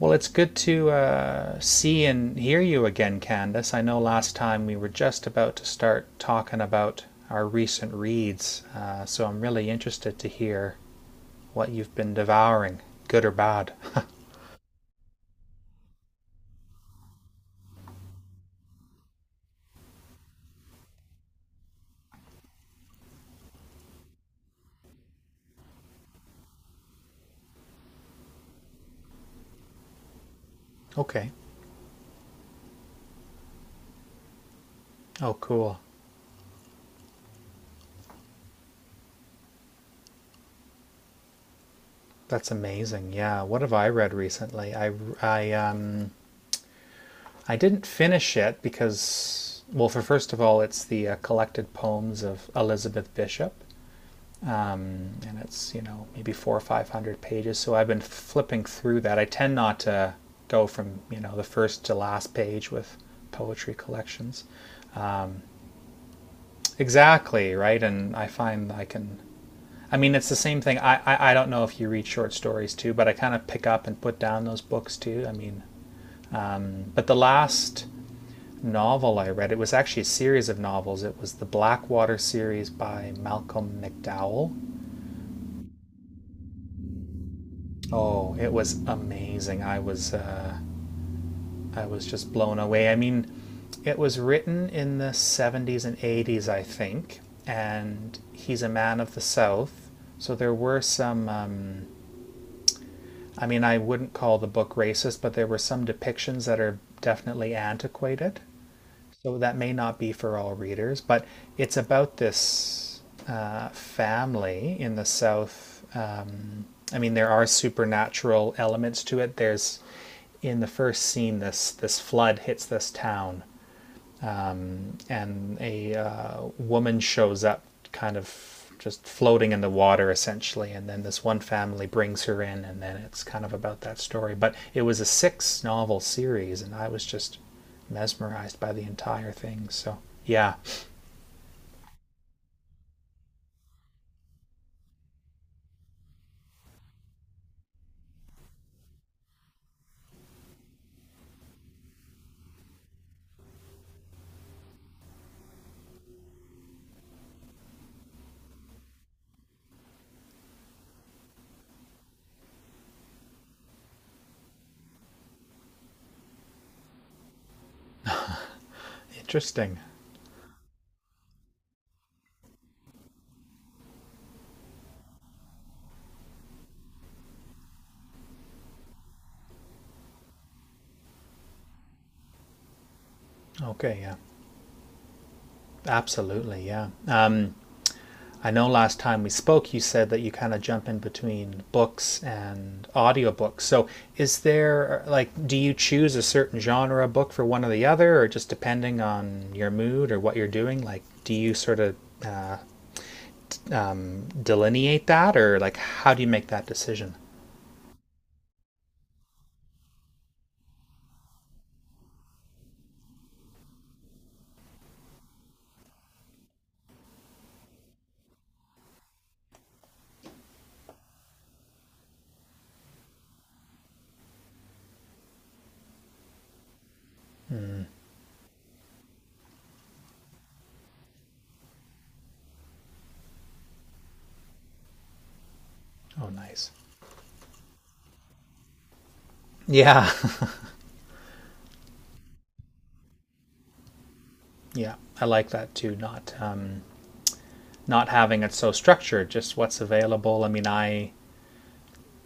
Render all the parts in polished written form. Well, it's good to see and hear you again, Candace. I know last time we were just about to start talking about our recent reads, so I'm really interested to hear what you've been devouring, good or bad. Okay. Oh, cool. That's amazing. Yeah. What have I read recently? I I didn't finish it because well, for first of all, it's the collected poems of Elizabeth Bishop. And it's maybe four or five hundred pages. So I've been flipping through that. I tend not to go from the first to last page with poetry collections. Exactly right, and I find I can. I mean, it's the same thing. I don't know if you read short stories too, but I kind of pick up and put down those books too. I mean, but the last novel I read, it was actually a series of novels. It was the Blackwater series by Malcolm McDowell. Oh, it was amazing. I was just blown away. I mean, it was written in the 70s and 80s, I think, and he's a man of the South. So there were some, I mean, I wouldn't call the book racist, but there were some depictions that are definitely antiquated, so that may not be for all readers, but it's about this family in the South. I mean, there are supernatural elements to it. There's in the first scene, this flood hits this town, and a woman shows up, kind of just floating in the water, essentially. And then this one family brings her in, and then it's kind of about that story. But it was a six novel series, and I was just mesmerized by the entire thing. So, yeah, interesting. Okay, yeah, absolutely, yeah. I know last time we spoke, you said that you kind of jump in between books and audiobooks. So, is there, like, do you choose a certain genre book for one or the other, or just depending on your mood or what you're doing? Like, do you sort of uh, delineate that, or like, how do you make that decision? Oh, nice. Yeah, yeah, I like that too. Not not having it so structured, just what's available. I mean, I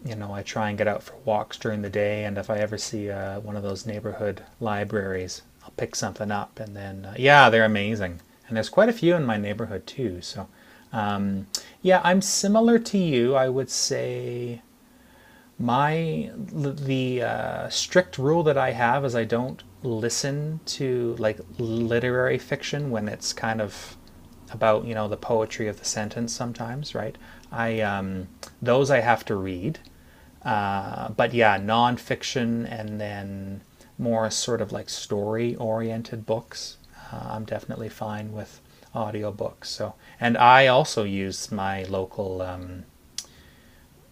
you know, I try and get out for walks during the day, and if I ever see one of those neighborhood libraries, I'll pick something up, and then yeah, they're amazing, and there's quite a few in my neighborhood too. So, um, yeah, I'm similar to you. I would say my the strict rule that I have is I don't listen to like literary fiction when it's kind of about the poetry of the sentence sometimes, right? I Those I have to read, but yeah, nonfiction and then more sort of like story oriented books. I'm definitely fine with audiobooks. So, and I also use my local um,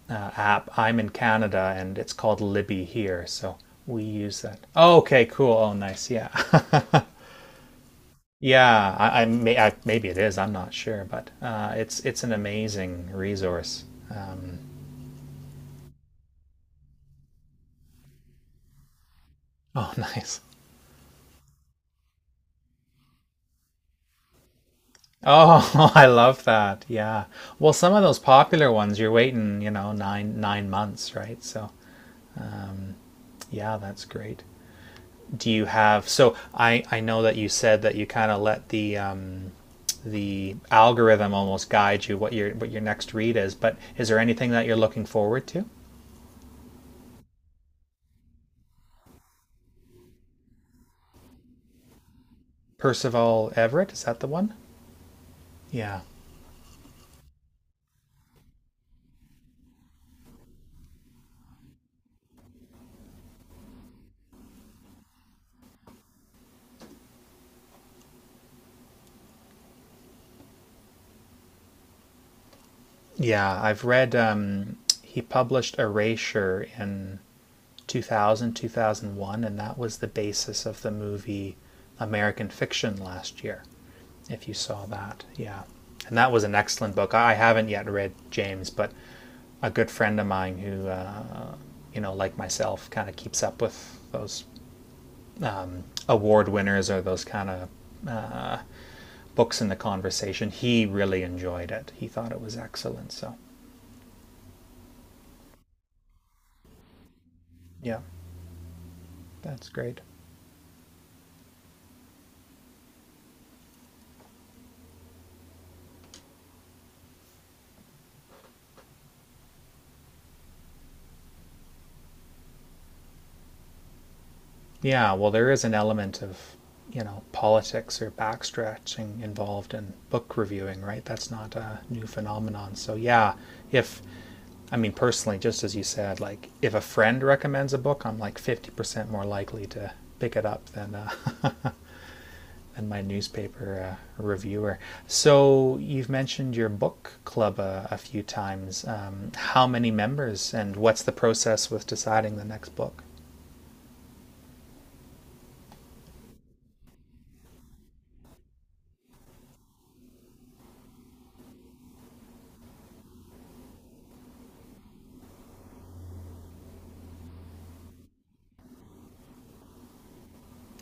uh, app. I'm in Canada and it's called Libby here. So we use that. Oh, okay, cool. Oh, nice. Yeah. Yeah. I maybe it is. I'm not sure, but it's an amazing resource. Um, oh, nice. Oh, I love that. Yeah. Well, some of those popular ones you're waiting, you know, 9 months, right? So, yeah, that's great. Do you have so I know that you said that you kind of let the algorithm almost guide you what your next read is, but is there anything that you're looking forward to? Percival Everett, is that the one? Yeah. Yeah, I've read he published Erasure in 2000, 2001, and that was the basis of the movie American Fiction last year. If you saw that, yeah. And that was an excellent book. I haven't yet read James, but a good friend of mine who, you know, like myself, kind of keeps up with those award winners or those kind of books in the conversation. He really enjoyed it. He thought it was excellent. So, yeah, that's great. Yeah, well, there is an element of, you know, politics or backstretching involved in book reviewing, right? That's not a new phenomenon. So, yeah, if, I mean, personally, just as you said, like, if a friend recommends a book, I'm like 50% more likely to pick it up than, than my newspaper reviewer. So, you've mentioned your book club a few times. How many members and what's the process with deciding the next book?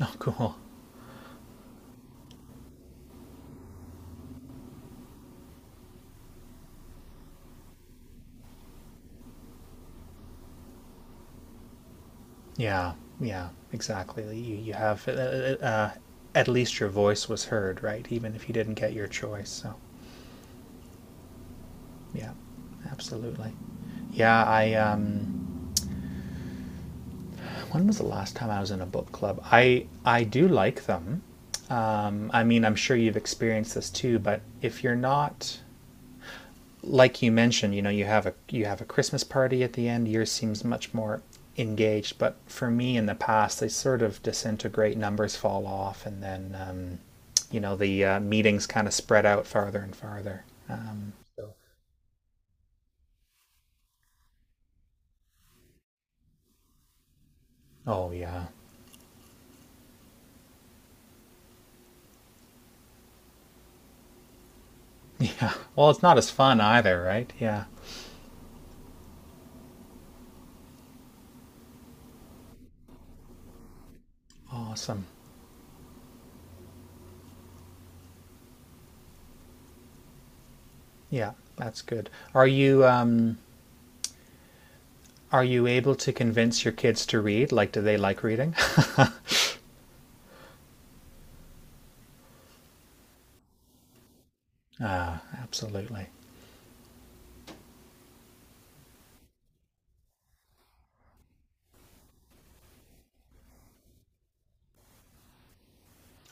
Oh, cool. Yeah, yeah, exactly. You have at least your voice was heard, right? Even if you didn't get your choice. So, yeah, absolutely. Yeah, I when was the last time I was in a book club? I do like them. I mean, I'm sure you've experienced this too, but if you're not like you mentioned, you know, you have a Christmas party at the end. Yours seems much more engaged, but for me in the past, they sort of disintegrate. Numbers fall off, and then the meetings kind of spread out farther and farther. Oh yeah, yeah. Well, it's not as fun either, right? Yeah. Awesome. Yeah, that's good. Are you able to convince your kids to read? Like, do they like reading? Absolutely.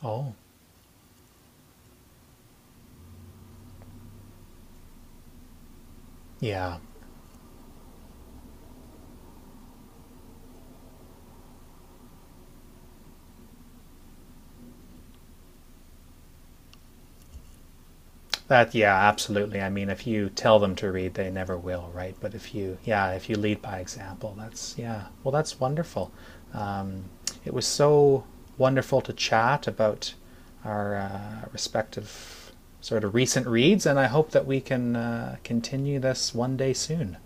Oh, yeah. That yeah, absolutely. I mean, if you tell them to read, they never will, right? But if you yeah, if you lead by example, that's yeah. Well, that's wonderful. Um, it was so wonderful to chat about our respective sort of recent reads, and I hope that we can continue this one day soon.